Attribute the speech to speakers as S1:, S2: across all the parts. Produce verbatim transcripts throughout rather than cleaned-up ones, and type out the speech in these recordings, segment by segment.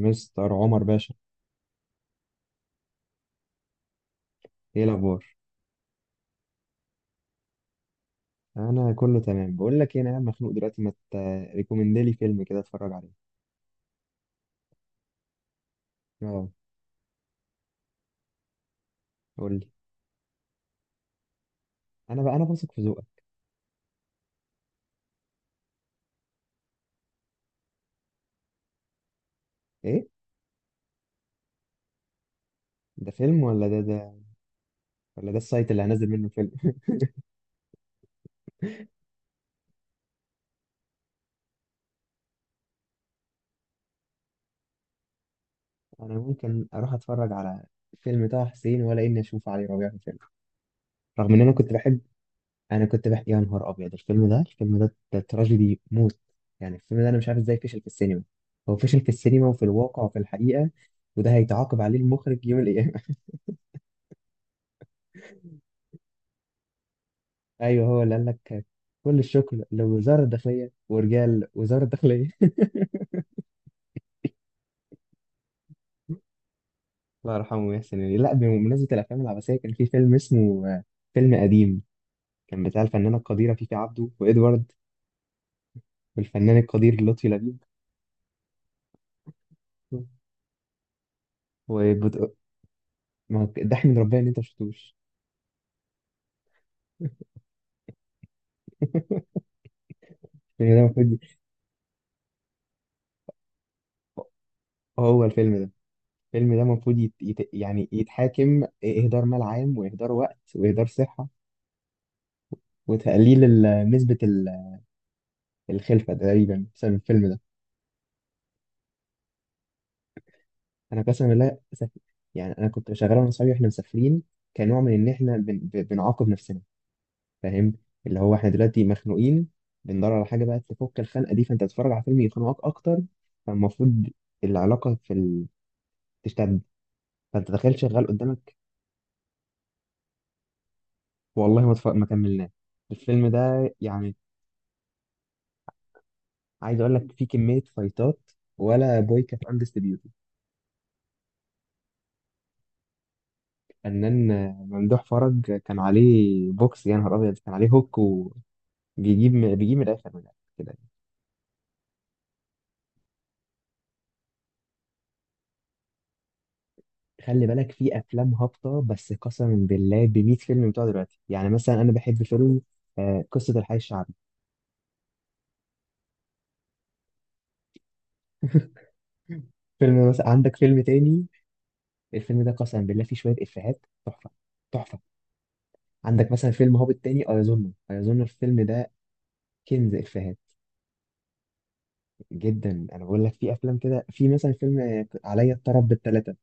S1: مستر عمر باشا، ايه الاخبار؟ انا كله تمام. بقول لك ايه، انا قاعد مخنوق دلوقتي، ما تريكومند لي فيلم كده اتفرج عليه؟ اه، قول لي. انا بقى انا واثق في ذوقك. ايه ده، فيلم ولا ده ده؟ ولا ده السايت اللي هنزل منه فيلم؟ انا ممكن اروح اتفرج على فيلم طه حسين ولا اني اشوف علي ربيع في فيلم؟ رغم ان انا كنت بحب انا كنت بحب، يا نهار ابيض، الفيلم ده الفيلم ده ده تراجيدي موت. يعني الفيلم ده انا مش عارف ازاي فشل في السينما. هو فشل في السينما وفي الواقع وفي الحقيقة. وده هيتعاقب عليه المخرج يوم الايام. ايوه، هو اللي قال لك. كل الشكر لوزاره الداخليه ورجال وزاره الداخليه. الله يرحمه يحسن يعني. لا، بمناسبه الافلام العباسيه كان في فيلم اسمه آه، فيلم قديم، كان بتاع الفنانه القديره فيفي عبده وادوارد والفنان القدير لطفي لبيب وبت... ما هو ضحك من ربنا ان انت ما شفتوش. الفيلم ده المفروض هو الفيلم ده الفيلم ده المفروض يت... يت... يعني يتحاكم، اهدار مال عام واهدار وقت واهدار صحه وتقليل ال- نسبه ال- الخلفه تقريبا بسبب الفيلم ده. انا قسما بالله سف... يعني انا كنت شغال انا وصحابي واحنا مسافرين، كنوع من ان احنا بن... ب- بنعاقب نفسنا، فاهم؟ اللي هو احنا دلوقتي مخنوقين، بندور على حاجه بقى تفك الخنقه دي، فانت تتفرج على فيلم يخنقك اكتر. فالمفروض العلاقه في ال... تشتد، فانت تخيل شغال قدامك. والله ما, تف... ما كملناه الفيلم ده، يعني. عايز اقول لك فيه كميه فايتات، ولا بوي كانت اندستريبيوتد. فنان ممدوح فرج كان عليه بوكس، يا نهار ابيض، كان عليه هوك وبيجيب. بيجيب من الاخر من الآخر كده. خلي بالك، في افلام هابطه، بس قسما بالله ب مائة فيلم بتوع دلوقتي. يعني مثلا انا بحب فيلم آه، قصه الحي الشعبي. فيلم مثلا، عندك فيلم تاني. الفيلم ده قسما بالله فيه شويه افيهات، تحفه تحفه. عندك مثلا فيلم هابط تاني، ايظن ايظن الفيلم ده كنز افيهات، جدا. انا بقول لك في افلام كده، في مثلا فيلم آه، عليا الطرب بالثلاثه.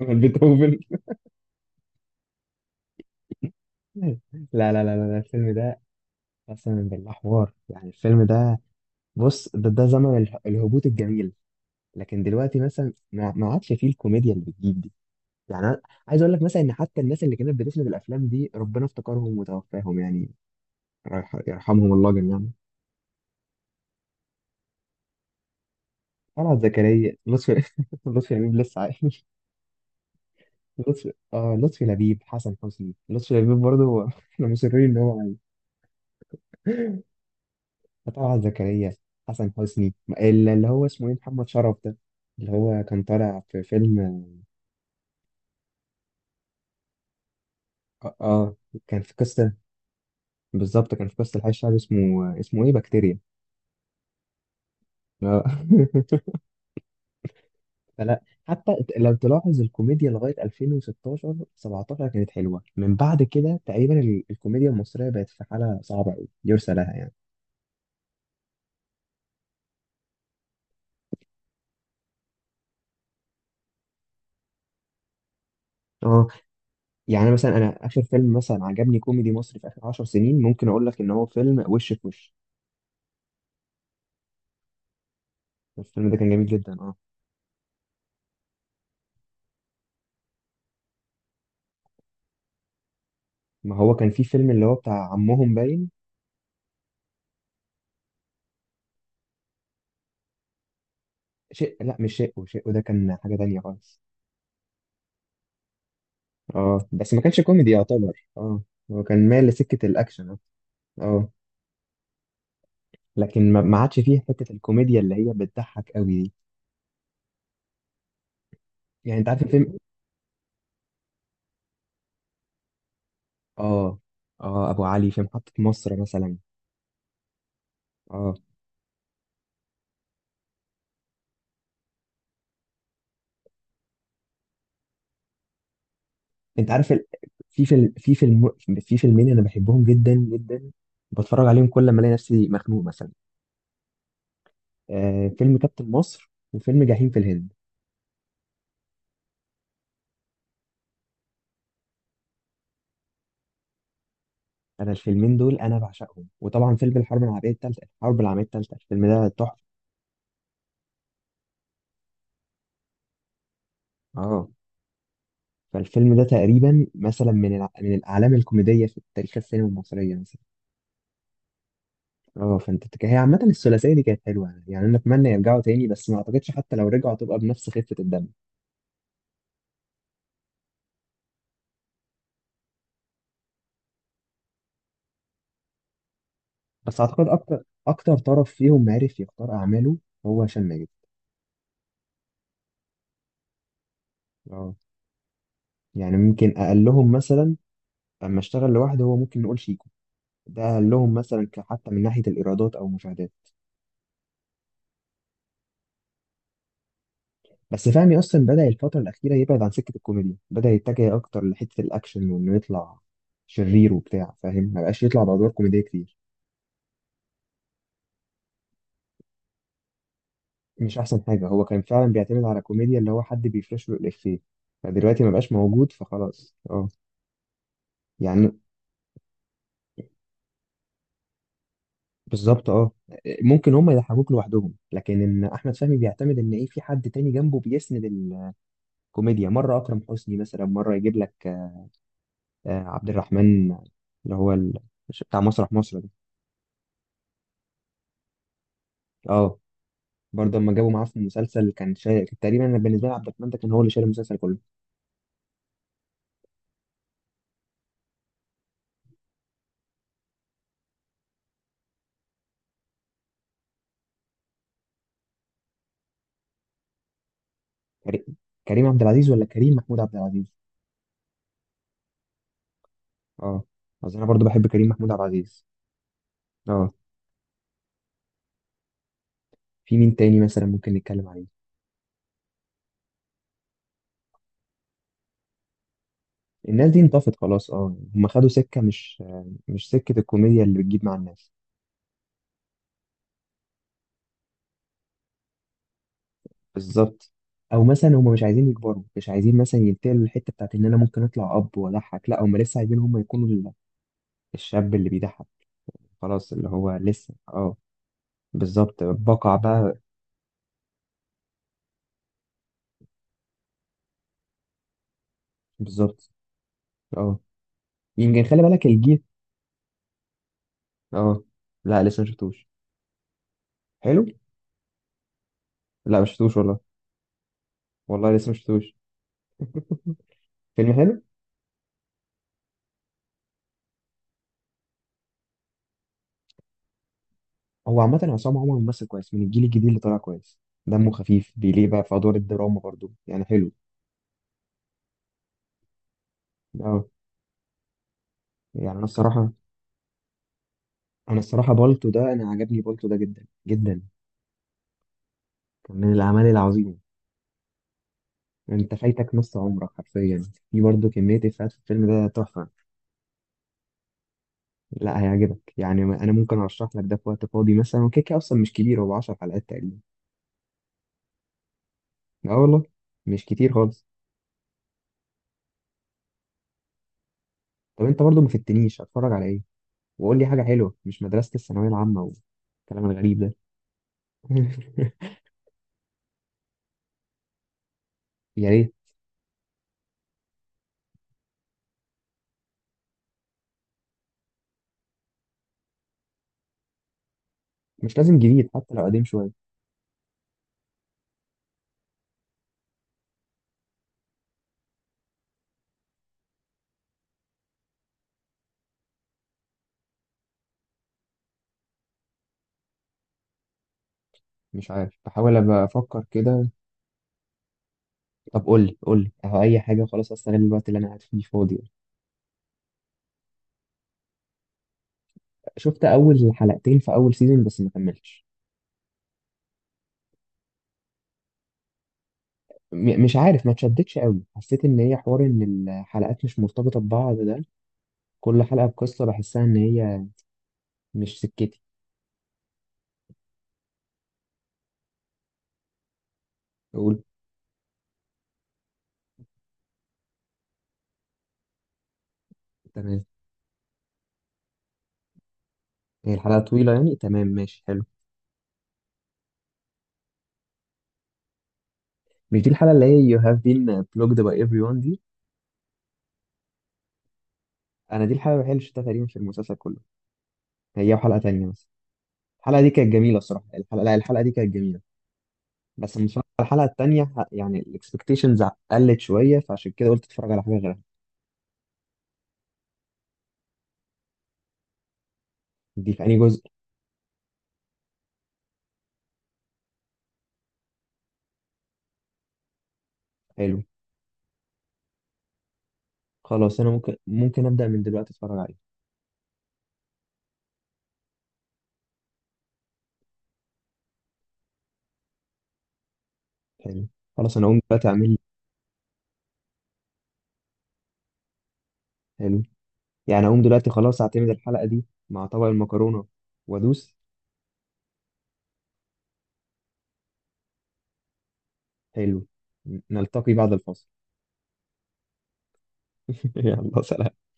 S1: بيتهوفن. لا، لا، لا، لا، لا، الفيلم ده قسما بالله حوار، يعني. الفيلم ده، بص، ده, ده زمن اله- الهبوط الجميل. لكن دلوقتي مثلا ما ما عادش فيه الكوميديا اللي بتجيب دي. يعني انا عايز اقول لك مثلا ان حتى الناس اللي كانت بتسند الافلام دي ربنا افتكرهم وتوفاهم، يعني رايح يرحمهم الله جميعا. طلعت زكريا، لطفي. لطفي لبيب لسه عايش. لطفي اه لطفي لبيب، حسن حسني، لطفي لبيب برضه هو- احنا مصرين ان هو عايش. طلعت زكريا، حسن حسني، ال- اللي هو اسمه ايه، محمد شرف ده، اللي هو كان طالع في فيلم. اه، آه. كان في قصة بالظبط، كان في قصة الحي الشعبي، اسمه اسمه ايه، بكتيريا. آه. فلا، حتى لو تلاحظ، الكوميديا لغايه ألفين وستاشر سبعتاشر كانت حلوه، من بعد كده تقريبا ال- الكوميديا المصريه بقت في حاله صعبه قوي يرثى لها، يعني. اه، يعني مثلا انا اخر فيلم مثلا عجبني كوميدي مصري في اخر 10 سنين ممكن اقول لك ان هو فيلم وش في وش. الفيلم ده كان جميل جدا، اه. ما هو كان في فيلم، اللي هو بتاع عمهم باين. شيء. لا، مش شيء. شيء ده كان حاجه تانية خالص. اه بس ما كانش كوميدي يعتبر، اه، هو كان مايل لسكه الاكشن، اه. آه. لكن ما ما عادش فيه حته الكوميديا اللي هي بتضحك قوي دي. يعني انت عارف الفيلم. اه، اه، ابو علي في محطه مصر مثلا. اه، انت عارف ال... في فيلم في فيلم في فيلمين انا بحبهم جدا جدا، بتفرج عليهم كل ما الاقي نفسي مخنوق مثلا. آه فيلم كابتن مصر وفيلم جحيم في الهند. انا الفيلمين دول انا بعشقهم. وطبعا فيلم الحرب العالميه الثالثه، الحرب العالميه الثالثه، الفيلم ده تحفه، اه. فالفيلم ده تقريبا مثلا من الع... من الاعلام الكوميديه في تاريخ السينما المصريه، مثلا. اه، فانت بتك- هي عامة الثلاثية دي كانت حلوة، يعني يعني انا اتمنى يرجعوا تاني، بس ما اعتقدش حتى لو رجعوا تبقى بنفس خفة الدم. بس اعتقد اكتر اكتر طرف فيهم عرف يختار اعماله هو هشام ماجد. اه، يعني ممكن اقلهم مثلا، اما اشتغل لوحده هو، ممكن نقول شيكو. ده اقلهم مثلا، ك- حتى من ناحية الايرادات او المشاهدات. بس فهمي اصلا بدأ الفترة الأخيرة يبعد عن سكة الكوميديا، بدأ يتجه اكتر لحتة الاكشن وانه يطلع شرير وبتاع، فاهم؟ ما بقاش يطلع بأدوار كوميدية كتير. مش احسن حاجه، هو كان فعلا بيعتمد على كوميديا اللي هو حد بيفرش له الافيه، فدلوقتي ما بقاش موجود فخلاص، اه. يعني. بالظبط، اه. ممكن هم يضحكوك لوحدهم، لكن ان احمد فهمي بيعتمد ان ايه، في حد تاني جنبه بيسند الكوميديا، مره اكرم حسني مثلا، مره يجيب لك آه، عبد الرحمن، اللي هو ال- بتاع مسرح مصر ده. اه، برضه اما جابوا معاه في المسلسل كان شايل تقريبا. أنا بالنسبه لي عبد الرحمن ده كان هو اللي شايل المسلسل كله. كريم كريم عبد العزيز ولا كريم محمود عبد العزيز؟ اه، اصل انا برضه بحب كريم محمود عبد العزيز. اه، في مين تاني مثلا ممكن نتكلم عليه؟ الناس دي انطفت خلاص، اه، هم خدوا سكة مش مش سكة الكوميديا اللي بتجيب مع الناس. بالظبط. او مثلا هم مش عايزين يكبروا، مش عايزين مثلا ينتقلوا للحتة بتاعت ان انا ممكن اطلع اب واضحك، لا، هم لسه عايزين هم يكونوا ال- الشاب اللي بيضحك. خلاص، اللي هو لسه، اه، بالظبط، بقع بقى. بالظبط، اه. يمكن خلي بالك الجيل. اه، لا، لسه ما شفتوش. حلو. لا، ما شفتوش والله. والله لسه ما شفتوش. فيلم حلو. هو عامة عصام عمر ممثل كويس من الجيل الجديد اللي طالع كويس، دمه خفيف، بيليه بقى في أدوار الدراما برضو، يعني حلو. اه، يعني أنا الصراحة أنا الصراحة بالتو ده، أنا عجبني بالتو ده جدا جدا، كان من الأعمال العظيمة. أنت فايتك نص عمرك حرفيا، في برضو كمية إفيهات في الفيلم ده، تحفة. لا، هيعجبك، يعني أنا ممكن أرشح لك ده في وقت فاضي مثلا، وكيكة أصلا مش كبير، هو 10 حلقات تقريبا. اه والله. مش كتير خالص. طب أنت برضو ما فتنيش، هتفرج على إيه؟ وقول لي حاجة حلوة، مش مدرسة الثانوية العامة والكلام الغريب ده. يا ريت. مش لازم جديد، حتى لو قديم شوية. مش عارف، بحاول أبقى أفكر كده. طب قول لي، قول لي، أهو أي حاجة خلاص، أستغل الوقت اللي أنا قاعد فيه فاضي. شفت أول حلقتين في أول سيزون بس ما كملتش. م- مش عارف، ما اتشدتش قوي، حسيت إن هي حوار إن الحلقات مش مرتبطة ببعض ده، كل حلقة بقصة، بحسها إن هي مش سكتي. أقول. تمام، هي الحلقة طويلة يعني؟ تمام، ماشي، حلو. مش دي الحلقة اللي هي you have been blocked by everyone دي؟ أنا دي الحلقة الوحيدة اللي شفتها تقريبا في المسلسل كله. هي وحلقة تانية بس. الحلقه دي كانت جميله، الصراحه. الحلقه، لا، الحلقه دي كانت جميله. بس لما اتفرجت على الحلقه التانيه ح- يعني الاكسبكتيشنز قلت شويه، فعشان كده قلت اتفرج على حاجه غيرها. دي في اي جزء؟ حلو. خلاص انا ممكن ممكن ابدا من دلوقتي اتفرج عليه. حلو. خلاص انا اقوم دلوقتي اعمل لي. حلو. يعني اقوم دلوقتي خلاص، اعتمد الحلقه دي مع طبق المكرونه وادوس. حلو. ن- نلتقي بعد الفاصل. يلا سلام.